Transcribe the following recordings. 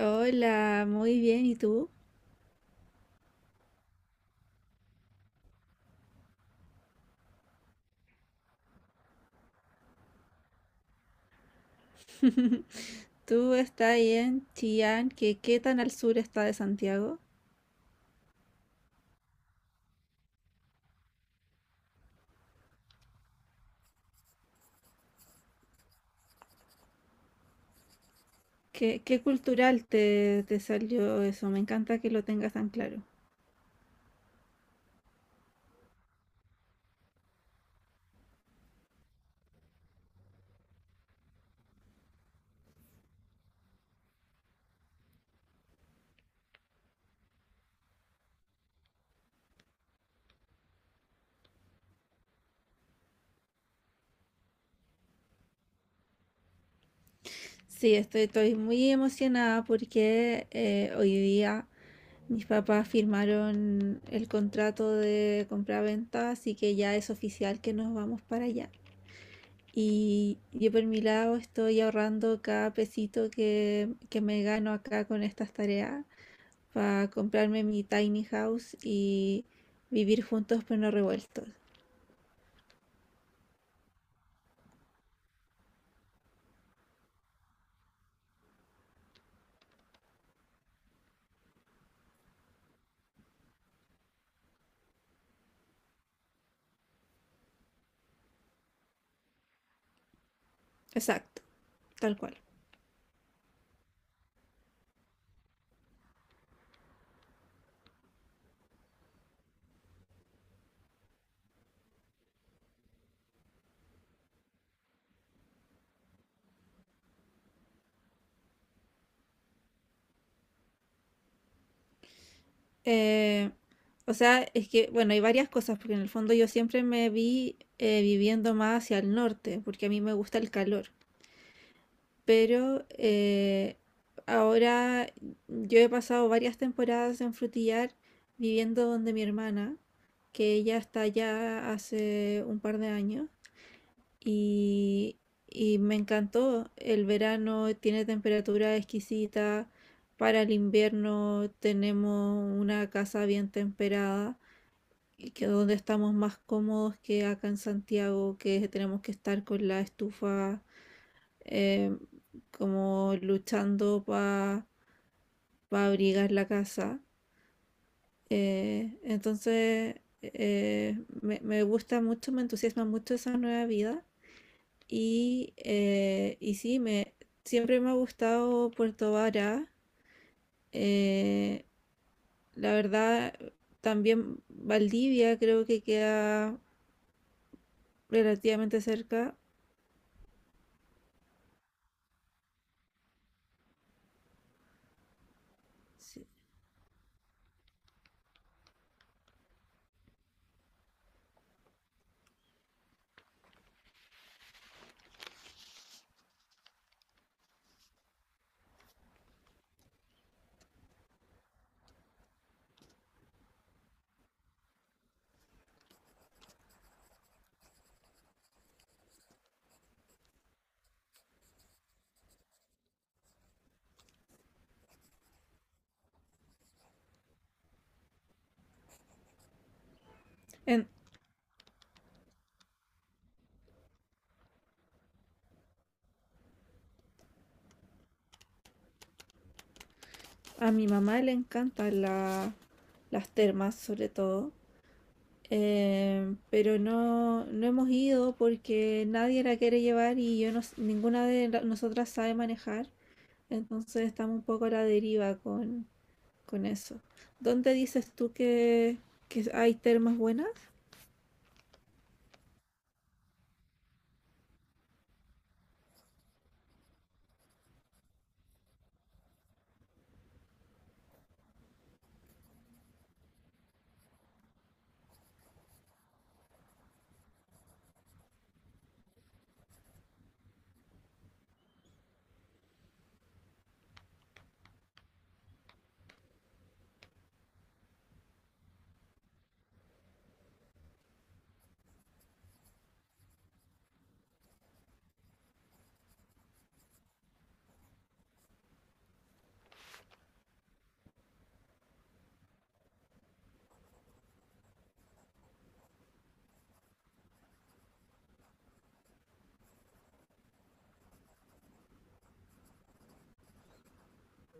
Hola, muy bien, ¿y tú? ¿Tú estás ahí en Chillán? ¿Qué tan al sur está de Santiago? ¿Qué cultural te salió eso? Me encanta que lo tengas tan claro. Sí, estoy muy emocionada porque hoy día mis papás firmaron el contrato de compra-venta, así que ya es oficial que nos vamos para allá. Y yo por mi lado estoy ahorrando cada pesito que me gano acá con estas tareas para comprarme mi tiny house y vivir juntos pero no revueltos. Exacto, tal cual. Eh, o sea, es que, bueno, hay varias cosas, porque en el fondo yo siempre me vi viviendo más hacia el norte, porque a mí me gusta el calor. Pero ahora yo he pasado varias temporadas en Frutillar viviendo donde mi hermana, que ella está allá hace un par de años. Y, y me encantó. El verano tiene temperatura exquisita. Para el invierno tenemos una casa bien temperada, y que donde estamos más cómodos que acá en Santiago, que tenemos que estar con la estufa eh, como luchando para abrigar la casa. Entonces, me gusta mucho, me entusiasma mucho esa nueva vida. Y sí, siempre me ha gustado Puerto Vara. eh, la verdad, también Valdivia creo que queda relativamente cerca. Sí. En- a mi mamá le encantan las termas, sobre todo. Pero no, no hemos ido porque nadie la quiere llevar y yo no s- ninguna de nosotras sabe manejar. Entonces estamos un poco a la deriva con eso. ¿Dónde dices tú que hay termas buenas?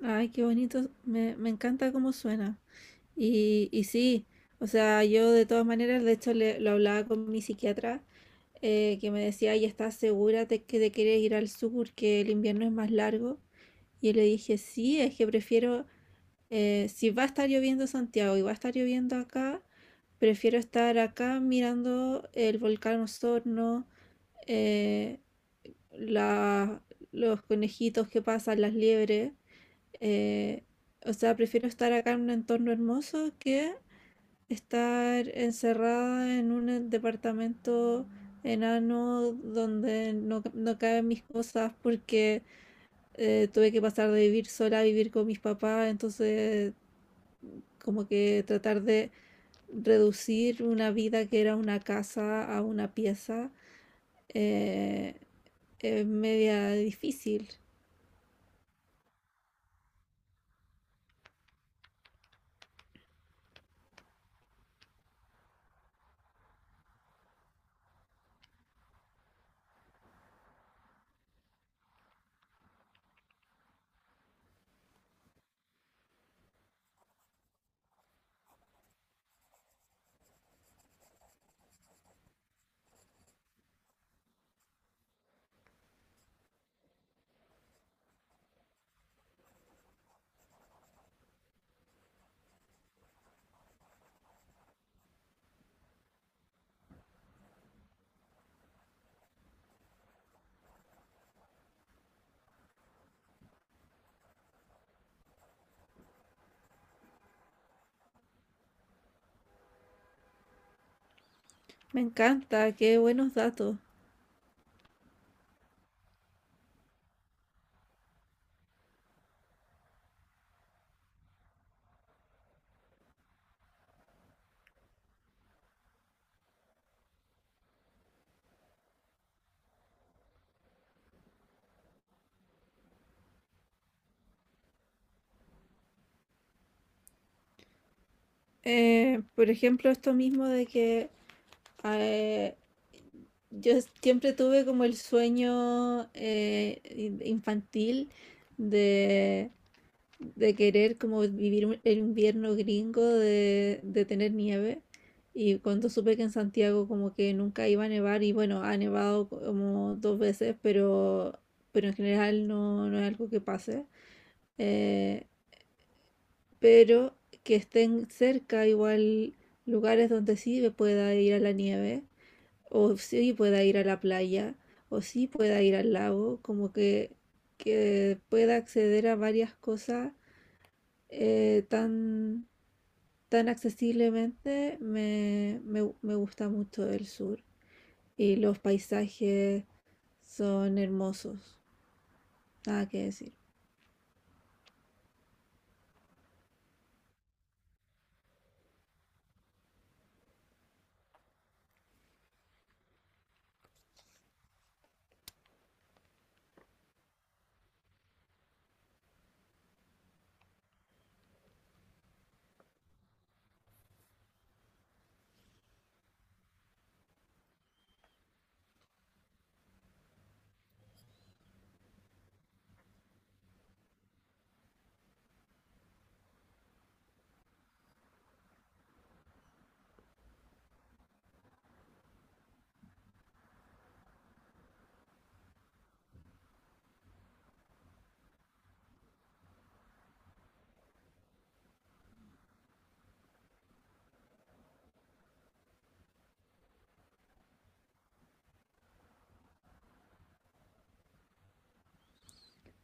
Ay, qué bonito, me encanta cómo suena. Y sí, o sea, yo de todas maneras, de hecho lo hablaba con mi psiquiatra, que me decía, ¿y estás segura de que te quieres ir al sur, que el invierno es más largo? Y yo le dije, sí, es que prefiero, si va a estar lloviendo en Santiago y va a estar lloviendo acá, prefiero estar acá mirando el volcán Osorno, eh, la- los conejitos que pasan, las liebres. eh, o sea, prefiero estar acá en un entorno hermoso que estar encerrada en un departamento enano donde no caben mis cosas porque tuve que pasar de vivir sola a vivir con mis papás, entonces como que tratar de reducir una vida que era una casa a una pieza eh, es media difícil. Me encanta, qué buenos datos. Por ejemplo, esto mismo de que eh, yo siempre tuve como el sueño infantil de, de querer como vivir el invierno gringo de tener nieve. Y cuando supe que en Santiago como que nunca iba a nevar, y bueno, ha nevado como dos veces, pero en general no, no es algo que pase. eh, pero que estén cerca igual lugares donde sí me pueda ir a la nieve, o sí pueda ir a la playa, o sí pueda ir al lago, como que pueda acceder a varias cosas eh, tan, tan accesiblemente, me gusta mucho el sur. Y los paisajes son hermosos, nada que decir.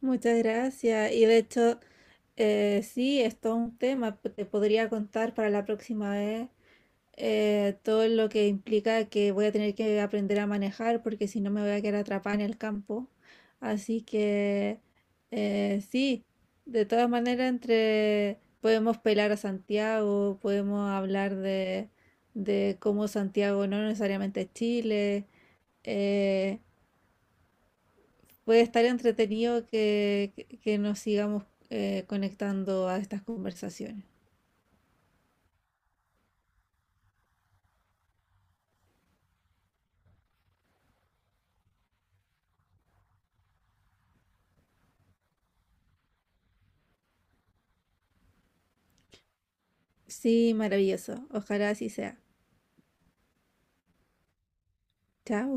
Muchas gracias. Y de hecho, sí, es todo un tema. Te podría contar para la próxima vez todo lo que implica que voy a tener que aprender a manejar, porque si no me voy a quedar atrapada en el campo. Así que sí, de todas maneras, entre podemos pelar a Santiago, podemos hablar de cómo Santiago no necesariamente es Chile. eh, Puede estar entretenido que nos sigamos conectando a estas conversaciones. Sí, maravilloso. Ojalá así sea. Chao.